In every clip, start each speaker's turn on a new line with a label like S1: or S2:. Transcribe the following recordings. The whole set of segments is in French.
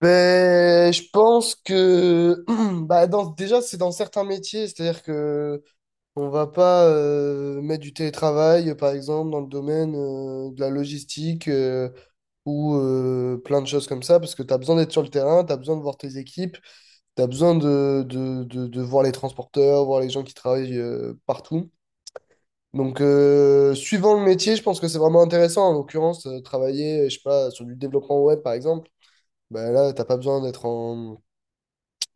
S1: Ben, je pense que déjà c'est dans certains métiers, c'est-à-dire que on va pas mettre du télétravail, par exemple, dans le domaine de la logistique, ou plein de choses comme ça, parce que tu as besoin d'être sur le terrain, tu as besoin de voir tes équipes, tu as besoin de voir les transporteurs, voir les gens qui travaillent partout. Donc, suivant le métier, je pense que c'est vraiment intéressant. En l'occurrence, travailler, je sais pas, sur du développement web, par exemple, ben là, t'as pas besoin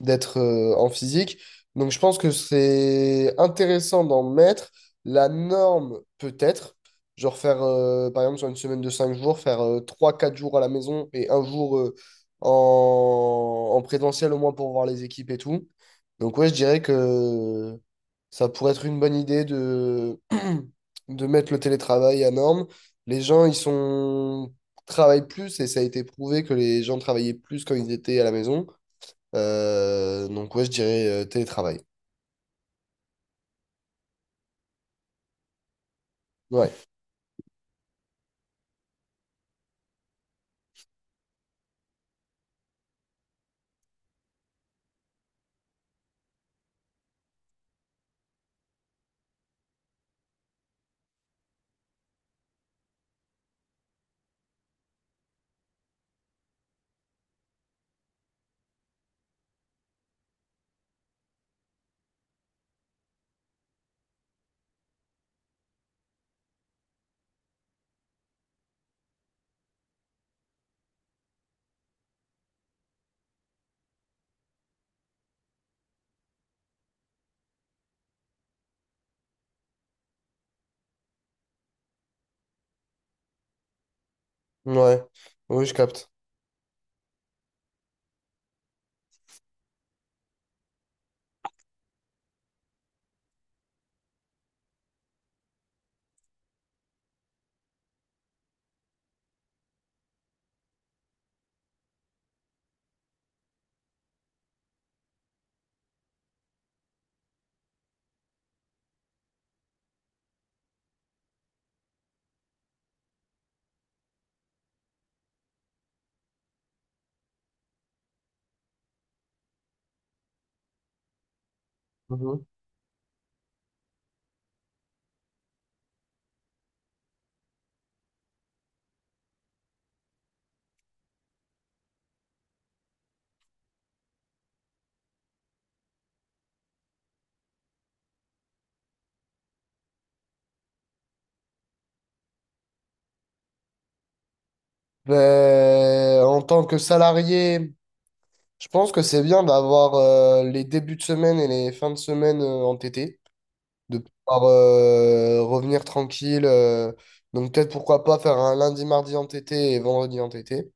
S1: d'être en physique. Donc je pense que c'est intéressant d'en mettre. La norme peut-être, genre faire par exemple sur une semaine de 5 jours, faire trois quatre jours à la maison et un jour, en présentiel au moins pour voir les équipes et tout. Donc ouais, je dirais que ça pourrait être une bonne idée de de mettre le télétravail à norme. Les gens, ils sont travaillent plus et ça a été prouvé que les gens travaillaient plus quand ils étaient à la maison. Donc ouais, je dirais télétravail. Ouais, ouais, oui, je capte. Mhm. Ben, en tant que salarié, je pense que c'est bien d'avoir les débuts de semaine et les fins de semaine entêtés, de pouvoir revenir tranquille. Donc peut-être pourquoi pas faire un lundi, mardi entêté et vendredi entêté.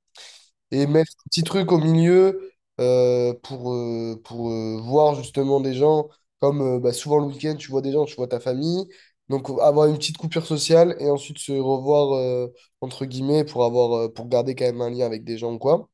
S1: Et mettre un petit truc au milieu pour voir justement des gens, comme bah, souvent le week-end, tu vois des gens, tu vois ta famille. Donc avoir une petite coupure sociale et ensuite se revoir, entre guillemets, pour avoir pour garder quand même un lien avec des gens ou quoi.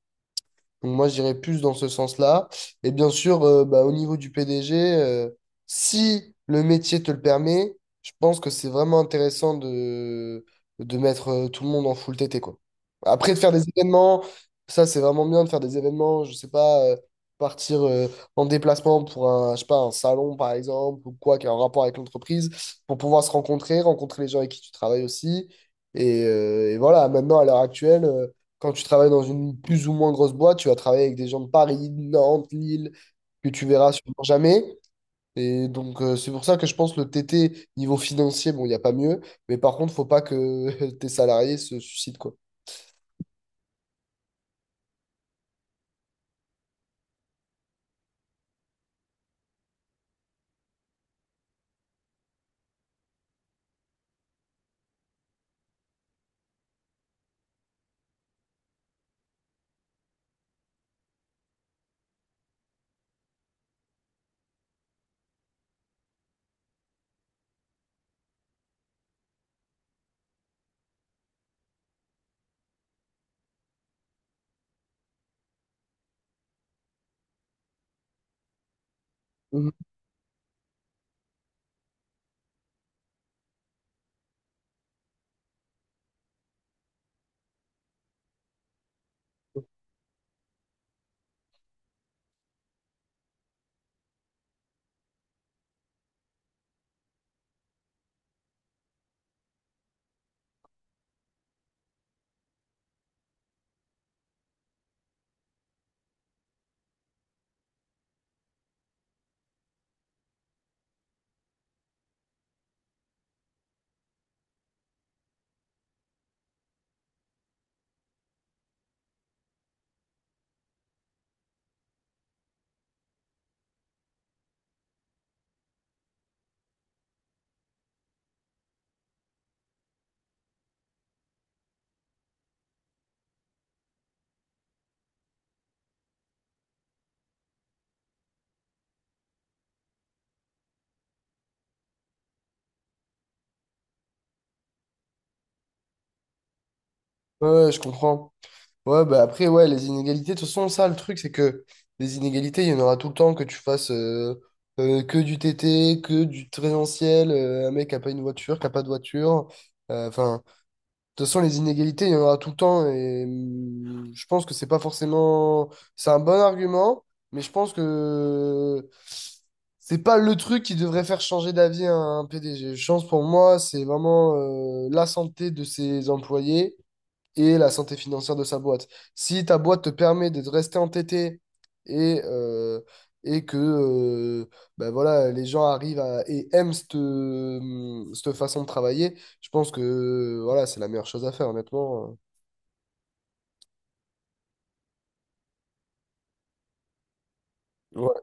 S1: Donc moi, j'irais plus dans ce sens-là. Et bien sûr, bah, au niveau du PDG, si le métier te le permet, je pense que c'est vraiment intéressant de mettre tout le monde en full TT, quoi. Après, de faire des événements, ça, c'est vraiment bien de faire des événements, je sais pas, partir en déplacement pour un, je sais pas, un salon, par exemple, ou quoi, qui a un rapport avec l'entreprise, pour pouvoir se rencontrer, rencontrer les gens avec qui tu travailles aussi. Et voilà, maintenant, à l'heure actuelle, quand tu travailles dans une plus ou moins grosse boîte, tu vas travailler avec des gens de Paris, de Nantes, Lille, que tu verras sûrement jamais. Et donc, c'est pour ça que je pense le TT, niveau financier, bon, il n'y a pas mieux. Mais par contre, faut pas que tes salariés se suicident, quoi. Mhm. Ouais, ouais, je comprends. Ouais, bah après, ouais, les inégalités, de toute façon, ça, le truc, c'est que les inégalités, il y en aura tout le temps, que tu fasses que du TT, que du présentiel, un mec qui a pas une voiture, qui a pas de voiture. Enfin, toute façon, les inégalités, il y en aura tout le temps et je pense que c'est pas forcément. C'est un bon argument, mais je pense que c'est pas le truc qui devrait faire changer d'avis un PDG. Je pense, pour moi, c'est vraiment la santé de ses employés et la santé financière de sa boîte. Si ta boîte te permet de rester entêté et, que ben voilà, les gens arrivent à, et aiment cette, cette façon de travailler, je pense que voilà, c'est la meilleure chose à faire, honnêtement. Ouais.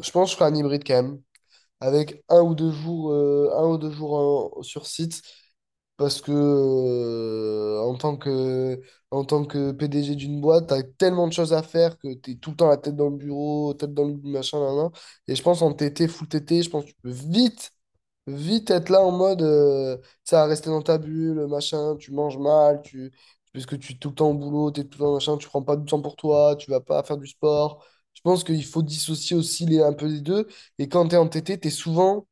S1: Je pense que je ferai un hybride quand même, avec un ou deux jours, un ou deux jours sur site, parce que en tant que PDG d'une boîte, t'as tellement de choses à faire que t'es tout le temps la tête dans le bureau, tête dans le machin, là, là. Et je pense en full TT, je pense que tu peux vite être là en mode, tu sais, à rester dans ta bulle, machin, tu manges mal, parce que tu es tout le temps au boulot, tu es tout le temps machin, tu prends pas du temps pour toi, tu vas pas faire du sport. Je pense qu'il faut dissocier aussi un peu les deux. Et quand tu es en TT, tu es souvent,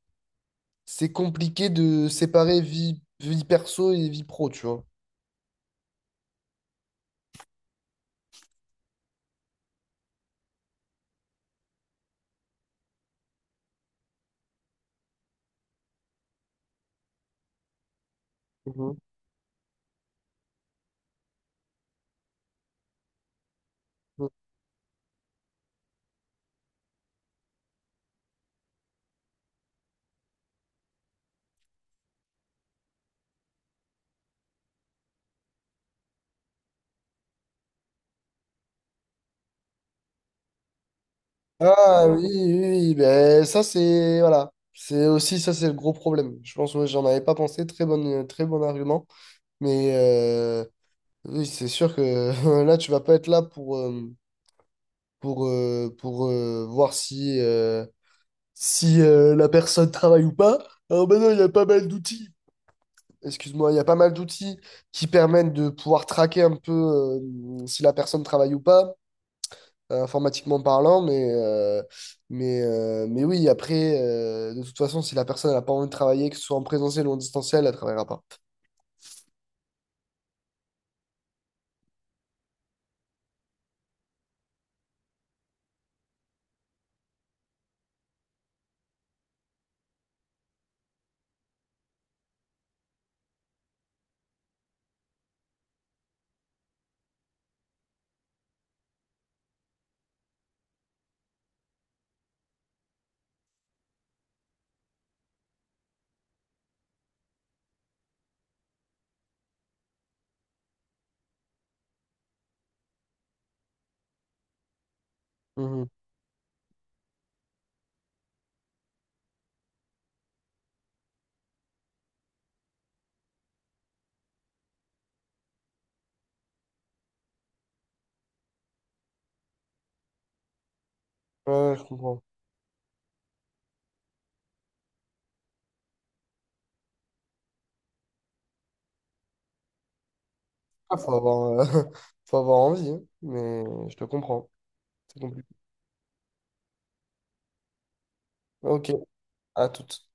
S1: c'est compliqué de séparer vie perso et vie pro, tu vois. Mhm. Mhm. Ah oui, oui, oui, ben ça c'est voilà, c'est aussi ça, c'est le gros problème. Je pense que j'en avais pas pensé, très bon argument, mais oui, c'est sûr que là tu vas pas être là pour voir si la personne travaille ou pas. Alors maintenant il y a pas mal d'outils, excuse-moi, il y a pas mal d'outils qui permettent de pouvoir traquer un peu, si la personne travaille ou pas, informatiquement parlant, mais oui, après, de toute façon, si la personne n'a pas envie de travailler, que ce soit en présentiel ou en distanciel, elle ne travaillera pas. Mhm. Ouais, je comprends. Ah, faut avoir, faut avoir envie, hein, mais je te comprends. C'est compliqué. Ok, à toute.